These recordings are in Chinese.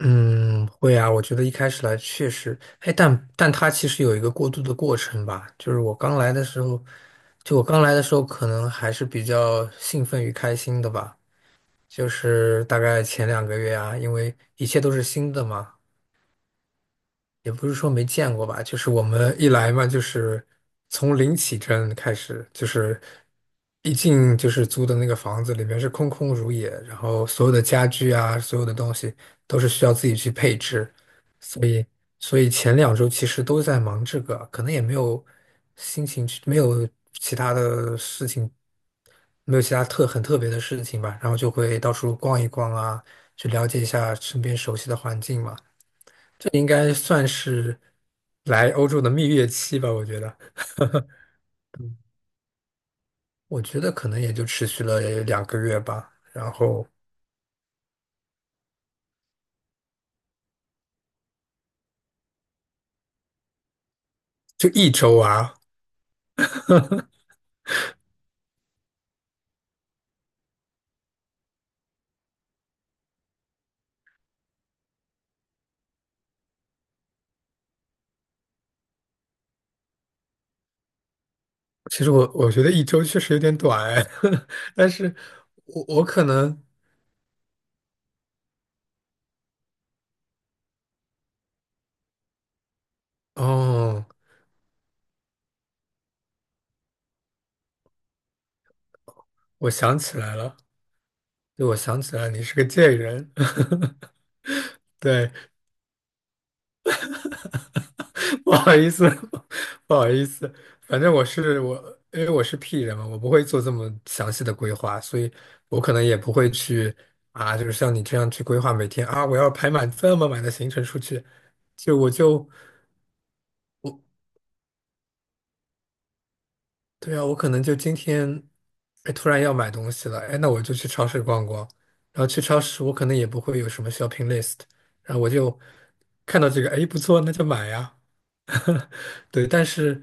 嗯，会啊，我觉得一开始来确实，哎，但它其实有一个过渡的过程吧，就是我刚来的时候，就我刚来的时候，可能还是比较兴奋与开心的吧，就是大概前两个月啊，因为一切都是新的嘛，也不是说没见过吧，就是我们一来嘛，就是从零起征开始，就是一进就是租的那个房子里面是空空如也，然后所有的家具啊，所有的东西都是需要自己去配置，所以所以前2周其实都在忙这个，可能也没有心情去，没有其他的事情，没有其他很特别的事情吧，然后就会到处逛一逛啊，去了解一下身边熟悉的环境嘛。应该算是来欧洲的蜜月期吧，我觉得，我觉得可能也就持续了两个月吧，然后就一周啊。其实我觉得一周确实有点短哎，但是我我可能哦，我想起来了，对，我想起来你是个贱人，对，不好意思，不好意思，反正我是我，因为我是 P 人嘛，我不会做这么详细的规划，所以我可能也不会去啊，就是像你这样去规划每天啊，我要排满这么满的行程出去，就我就对啊，我可能就今天，哎，突然要买东西了，哎，那我就去超市逛逛。然后去超市，我可能也不会有什么 shopping list，然后我就看到这个，哎，不错，那就买呀。对，但是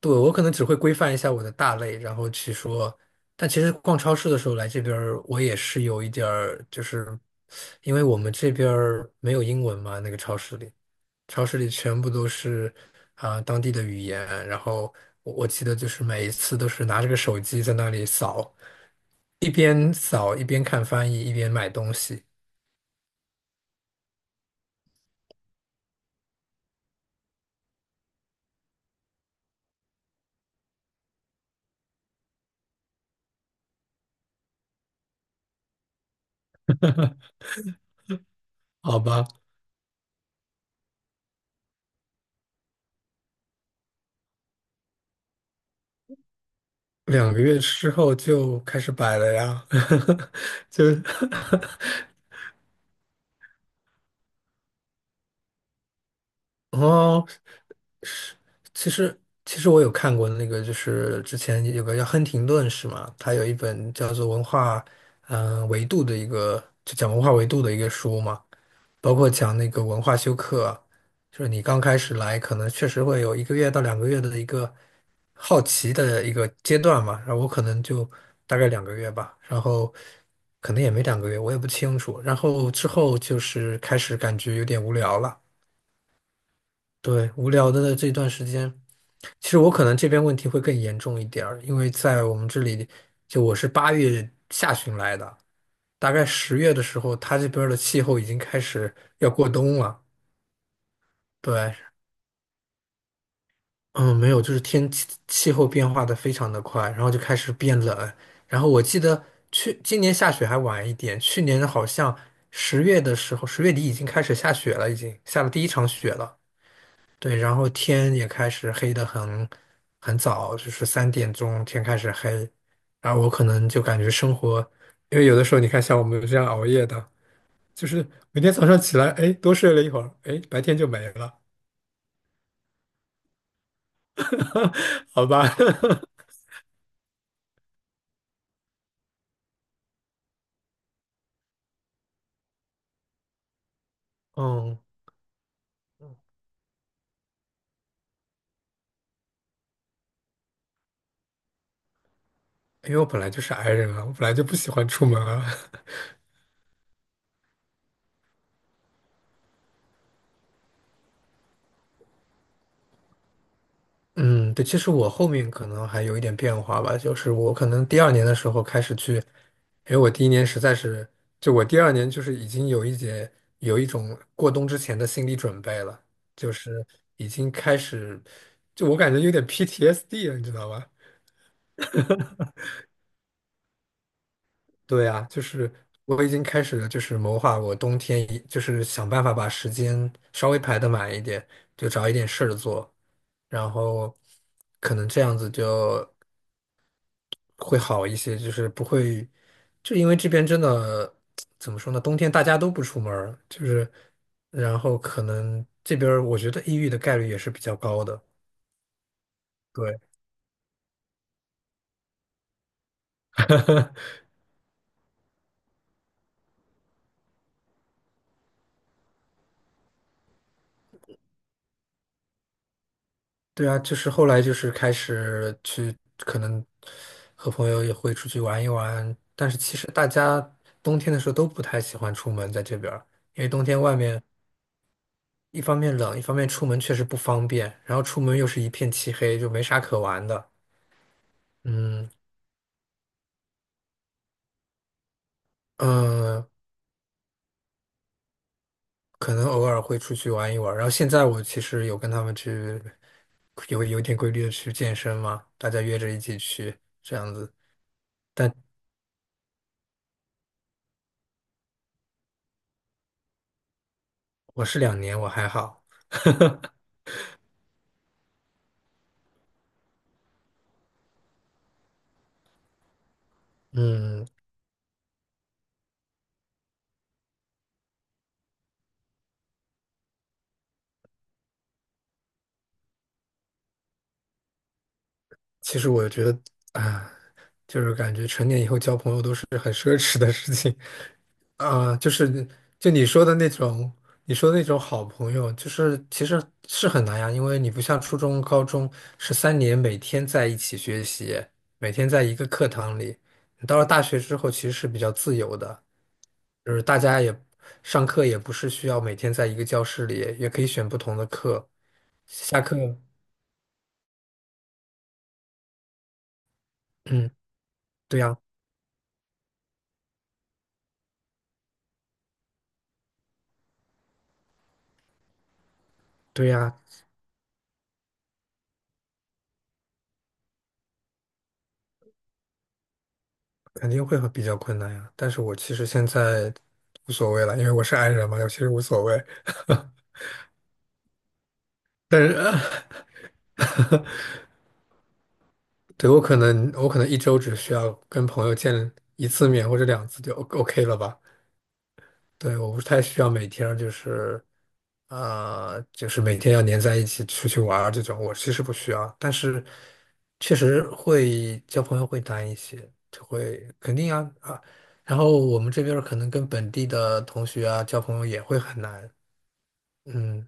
对我可能只会规范一下我的大类，然后去说。但其实逛超市的时候来这边儿我也是有一点儿，就是因为我们这边儿没有英文嘛，超市里全部都是啊、当地的语言，然后我记得就是每一次都是拿着个手机在那里扫，一边扫一边看翻译，一边买东西。好吧，两个月之后就开始摆了呀，就 哦，其实其实我有看过那个，就是之前有个叫亨廷顿是吗？他有一本叫做《文化维度》的一个，就讲文化维度的一个书嘛。包括讲那个文化修课，就是你刚开始来，可能确实会有1个月到2个月的一个好奇的一个阶段嘛。然后我可能就大概两个月吧，然后可能也没两个月，我也不清楚。然后之后就是开始感觉有点无聊了，对，无聊的这段时间，其实我可能这边问题会更严重一点儿，因为在我们这里，就我是8月下旬来的，大概十月的时候，他这边儿的气候已经开始要过冬了。对，嗯，没有，就是天气气候变化的非常的快，然后就开始变冷。然后我记得去今年下雪还晚一点，去年好像十月的时候，十月底已经开始下雪了，已经下了第一场雪了。对，然后天也开始黑的很很早，就是3点钟天开始黑。然后我可能就感觉生活，因为有的时候你看像我们这样熬夜的，就是每天早上起来，哎，多睡了一会儿，哎，白天就没了，好吧。嗯，因为我本来就是 i 人啊，我本来就不喜欢出门啊。嗯，对，其实我后面可能还有一点变化吧，就是我可能第二年的时候开始去，因为我第一年实在是，就我第二年就是已经有一节有一种过冬之前的心理准备了，就是已经开始，就我感觉有点 PTSD 了，你知道吧？对啊，就是我已经开始就是谋划我冬天一，就是想办法把时间稍微排得满一点，就找一点事儿做，然后可能这样子就会好一些，就是不会，就因为这边真的怎么说呢，冬天大家都不出门儿就是然后可能这边儿我觉得抑郁的概率也是比较高的。对。对啊，就是后来就是开始去，可能和朋友也会出去玩一玩，但是其实大家冬天的时候都不太喜欢出门在这边儿，因为冬天外面一方面冷，一方面出门确实不方便，然后出门又是一片漆黑，就没啥可玩的。嗯嗯，呃可能偶尔会出去玩一玩。然后现在我其实有跟他们去，有点规律的去健身嘛，大家约着一起去这样子。但我是2年，我还好。嗯，其实我觉得啊，就是感觉成年以后交朋友都是很奢侈的事情啊，就是就你说的那种，你说的那种好朋友，就是其实是很难呀，因为你不像初中、高中是3年每天在一起学习，每天在一个课堂里，你到了大学之后其实是比较自由的。就是大家也上课也不是需要每天在一个教室里，也可以选不同的课。下课，嗯，对呀，对呀，肯定会很比较困难呀，但是我其实现在无所谓了，因为我是 i 人嘛，我其实无所谓。但是，对，我可能一周只需要跟朋友见一次面或者2次就 OK 了吧？对，我不太需要每天就是啊、就是每天要黏在一起出去玩儿这种，我其实不需要。但是确实会交朋友会难一些，就会肯定啊啊。然后我们这边儿可能跟本地的同学啊交朋友也会很难。嗯，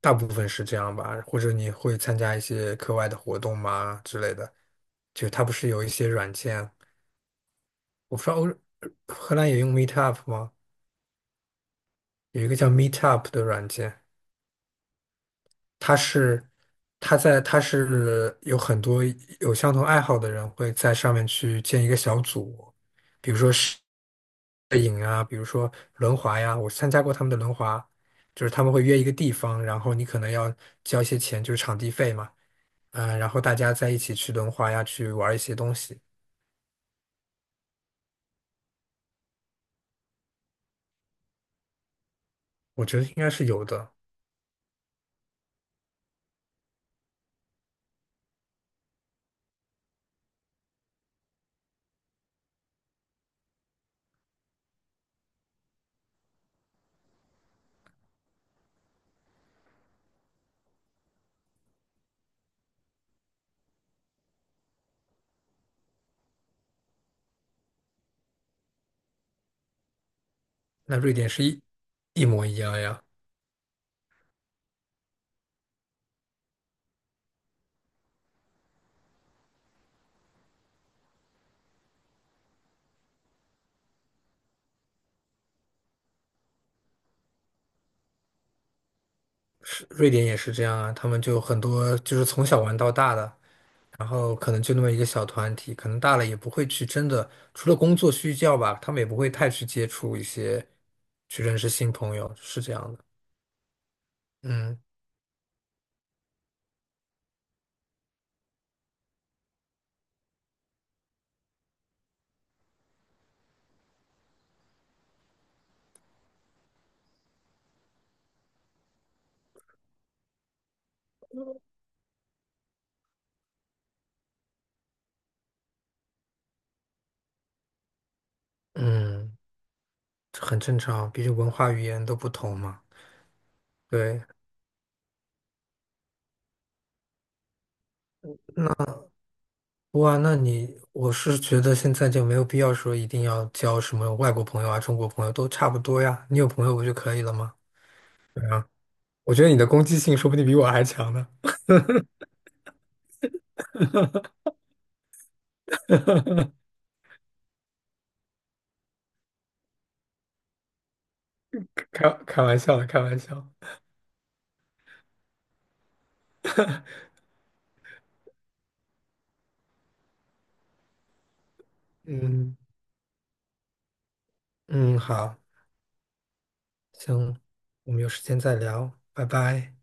大部分是这样吧，或者你会参加一些课外的活动吗之类的？就它不是有一些软件，我不知道荷兰也用 Meetup 吗？有一个叫 Meetup 的软件，它是它是有很多有相同爱好的人会在上面去建一个小组，比如说摄影啊，比如说轮滑呀，我参加过他们的轮滑，就是他们会约一个地方，然后你可能要交一些钱，就是场地费嘛。嗯、然后大家在一起去轮滑呀，去玩一些东西，我觉得应该是有的。那瑞典是一模一样呀，是瑞典也是这样啊，他们就很多就是从小玩到大的，然后可能就那么一个小团体，可能大了也不会去真的，除了工作需要吧，他们也不会太去接触一些，去认识新朋友，是这样的。嗯嗯，这很正常，毕竟文化语言都不同嘛。对，哇，那你，我是觉得现在就没有必要说一定要交什么外国朋友啊、中国朋友都差不多呀，你有朋友不就可以了吗？对啊，我觉得你的攻击性说不定比我还强呢，开玩笑的，开玩笑。嗯嗯，好，行，我们有时间再聊，拜拜。